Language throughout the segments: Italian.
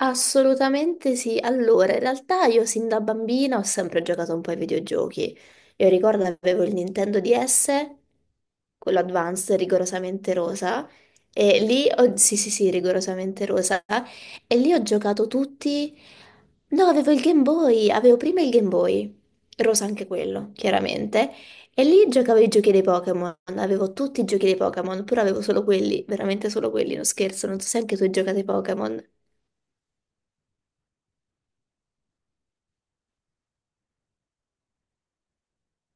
Assolutamente sì. Allora, in realtà io sin da bambina ho sempre giocato un po' ai videogiochi. Io ricordo avevo il Nintendo DS, quello Advanced, rigorosamente rosa. Sì, sì, sì, rigorosamente rosa. E lì ho giocato tutti... No, avevo il Game Boy, avevo prima il Game Boy, rosa anche quello, chiaramente. E lì giocavo i giochi dei Pokémon, avevo tutti i giochi dei Pokémon, pure avevo solo quelli, veramente solo quelli, non scherzo, non so se anche tu hai giocato ai Pokémon.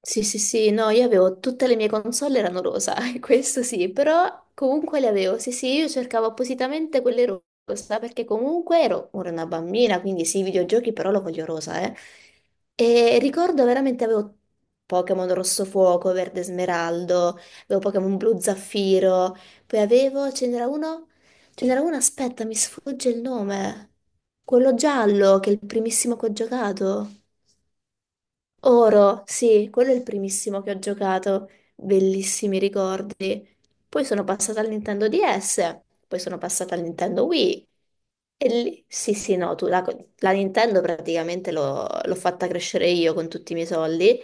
Sì, sì, sì, no, io avevo tutte le mie console erano rosa, questo sì, però comunque le avevo. Sì, sì, io cercavo appositamente quelle rosa perché comunque ero ora una bambina, quindi sì, i videogiochi però lo voglio rosa, eh. E ricordo veramente avevo Pokémon Rosso Fuoco, Verde Smeraldo, avevo Pokémon Blu Zaffiro, poi avevo, ce n'era uno, aspetta, mi sfugge il nome, quello giallo che è il primissimo che ho giocato. Oro, sì, quello è il primissimo che ho giocato, bellissimi ricordi. Poi sono passata al Nintendo DS, poi sono passata al Nintendo Wii e lì, sì, sì, no, tu, la Nintendo praticamente l'ho fatta crescere io con tutti i miei soldi,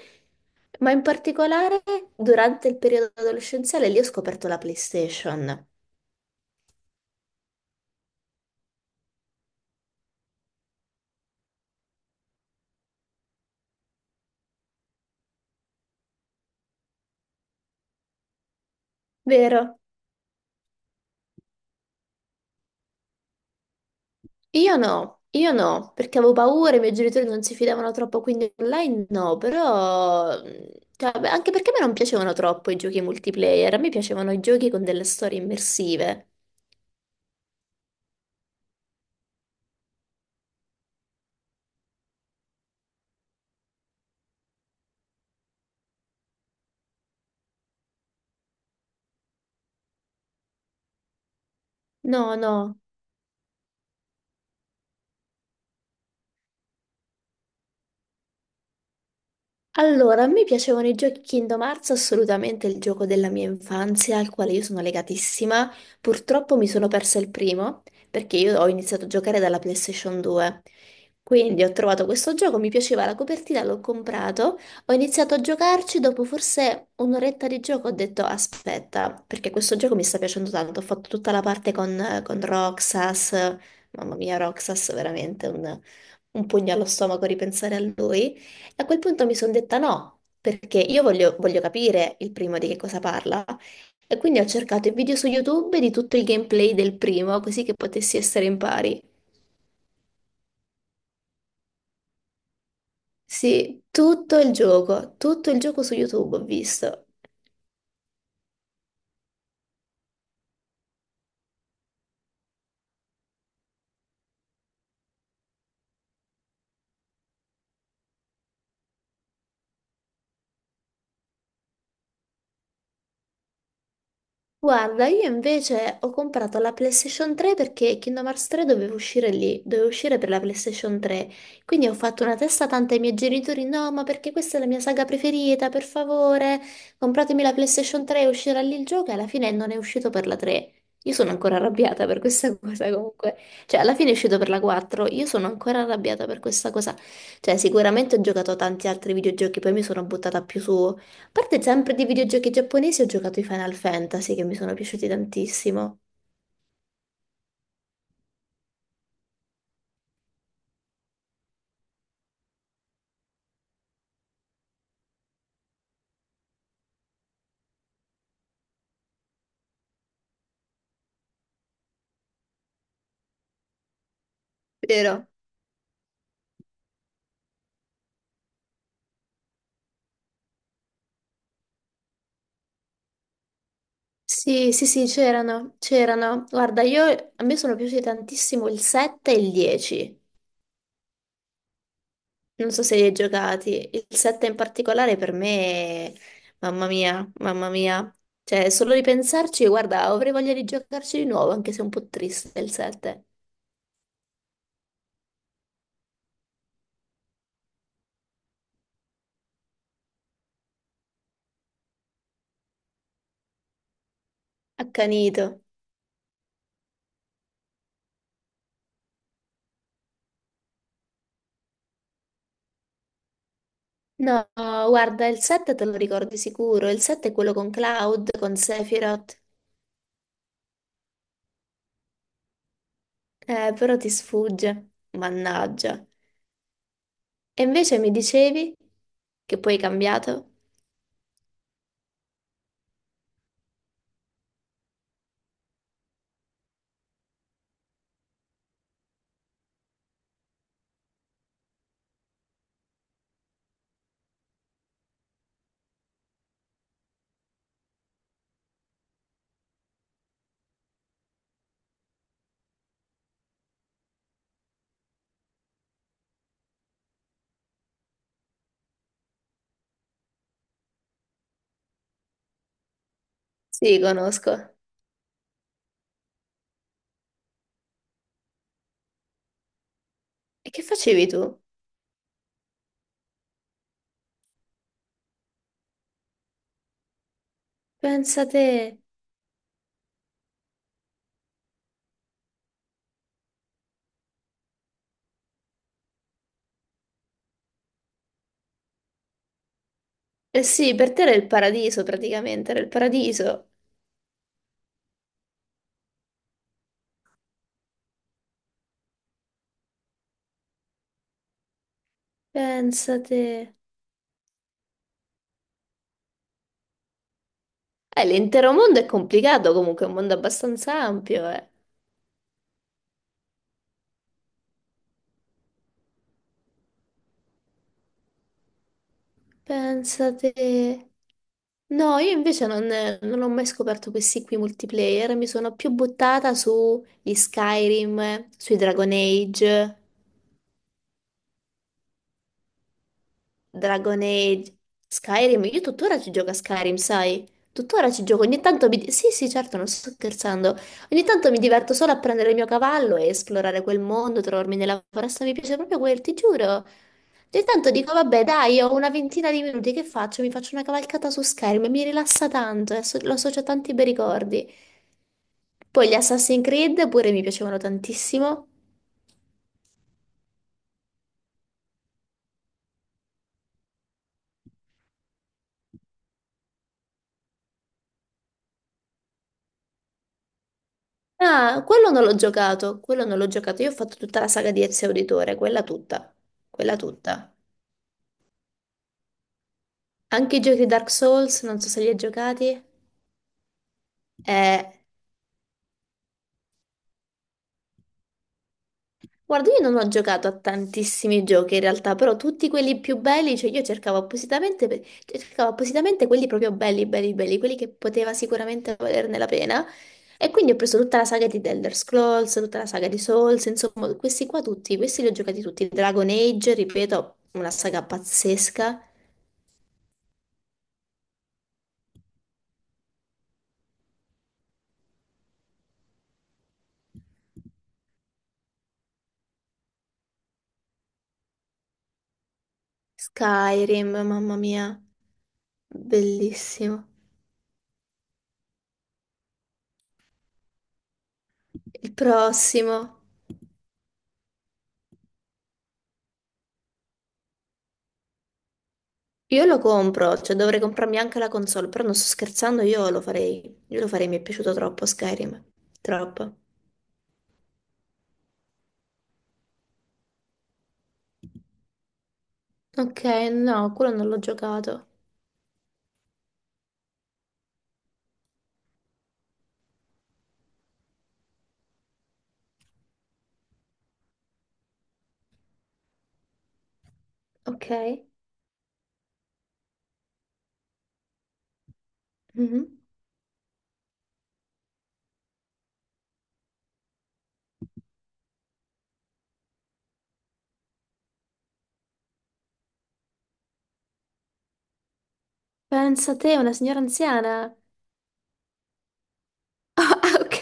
ma in particolare durante il periodo adolescenziale lì ho scoperto la PlayStation, vero? Io no, perché avevo paura, i miei genitori non si fidavano troppo, quindi online no, però, cioè, beh, anche perché a me non piacevano troppo i giochi multiplayer, a me piacevano i giochi con delle storie immersive. No, no. Allora, a me piacevano i giochi Kingdom Hearts, assolutamente il gioco della mia infanzia, al quale io sono legatissima. Purtroppo mi sono persa il primo, perché io ho iniziato a giocare dalla PlayStation 2. Quindi ho trovato questo gioco, mi piaceva la copertina, l'ho comprato, ho iniziato a giocarci, dopo forse un'oretta di gioco ho detto aspetta, perché questo gioco mi sta piacendo tanto, ho fatto tutta la parte con Roxas, mamma mia Roxas, veramente un pugno allo stomaco ripensare a lui. A quel punto mi sono detta no, perché io voglio capire il primo di che cosa parla. E quindi ho cercato i video su YouTube di tutto il gameplay del primo, così che potessi essere in pari. Sì, tutto il gioco su YouTube ho visto. Guarda, io invece ho comprato la PlayStation 3 perché Kingdom Hearts 3 doveva uscire lì, doveva uscire per la PlayStation 3. Quindi ho fatto una testa tanta ai miei genitori, no, ma perché questa è la mia saga preferita, per favore, compratemi la PlayStation 3 e uscirà lì il gioco e alla fine non è uscito per la 3. Io sono ancora arrabbiata per questa cosa comunque. Cioè, alla fine è uscito per la 4, io sono ancora arrabbiata per questa cosa. Cioè, sicuramente ho giocato a tanti altri videogiochi, poi mi sono buttata più su parte sempre di videogiochi giapponesi, ho giocato i Final Fantasy che mi sono piaciuti tantissimo. Vero? Sì, sì, sì, c'erano, c'erano. Guarda, io, a me sono piaciuti tantissimo il 7 e il 10. Non so se li hai giocati. Il 7 in particolare per me, mamma mia, mamma mia. Cioè, solo ripensarci, guarda, avrei voglia di giocarci di nuovo, anche se è un po' triste il 7. Accanito. No, guarda, il 7 te lo ricordi sicuro. Il 7 è quello con Cloud, con Sephiroth. Però ti sfugge, mannaggia. E invece mi dicevi che poi hai cambiato? Sì, conosco. E che facevi tu? Pensa te. Eh sì, per te era il paradiso praticamente, era il paradiso. Pensa te. L'intero mondo è complicato comunque, è un mondo abbastanza ampio, eh. Pensa te. No, io invece non ho mai scoperto questi qui multiplayer, mi sono più buttata sugli Skyrim, sui Dragon Age. Dragon Age, Skyrim, io tuttora ci gioco a Skyrim, sai? Tuttora ci gioco, Sì, sì, certo, non sto scherzando. Ogni tanto mi diverto solo a prendere il mio cavallo e esplorare quel mondo, trovarmi nella foresta, mi piace proprio quel, ti giuro. Ogni tanto dico, vabbè, dai, ho una ventina di minuti, che faccio? Mi faccio una cavalcata su Skyrim, e mi rilassa tanto, e lo associo a tanti bei ricordi. Poi gli Assassin's Creed pure mi piacevano tantissimo. Ah, quello non l'ho giocato, quello non l'ho giocato. Io ho fatto tutta la saga di Ezio Auditore, quella tutta, quella tutta. Anche i giochi Dark Souls, non so se li hai giocati. Eh, guarda, io non ho giocato a tantissimi giochi in realtà, però tutti quelli più belli, cioè io cercavo appositamente, cioè, cercavo appositamente quelli proprio belli, belli, belli, quelli che poteva sicuramente valerne la pena. E quindi ho preso tutta la saga di The Elder Scrolls, tutta la saga di Souls, insomma, questi qua tutti, questi li ho giocati tutti. Dragon Age, ripeto, una saga pazzesca. Skyrim, mamma mia, bellissimo. Il prossimo. Io lo compro, cioè dovrei comprarmi anche la console, però non sto scherzando, io lo farei. Io lo farei, mi è piaciuto troppo Skyrim. Troppo. Ok, no, quello non l'ho giocato. Ok. Mhm. Pensa a te, una signora anziana. Ah, ok.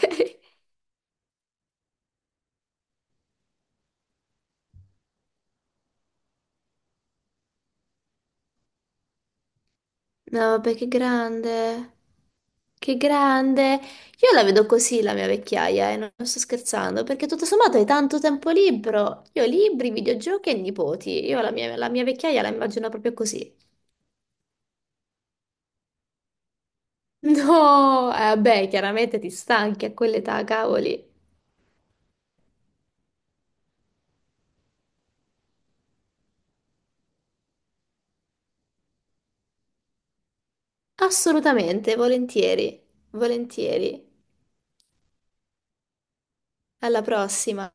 No, vabbè, che grande. Che grande! Io la vedo così la mia vecchiaia, e non sto scherzando, perché tutto sommato hai tanto tempo libero. Io libri, videogiochi e nipoti. Io la mia vecchiaia la immagino proprio così. No, vabbè, chiaramente ti stanchi a quell'età, cavoli. Assolutamente, volentieri, volentieri. Alla prossima.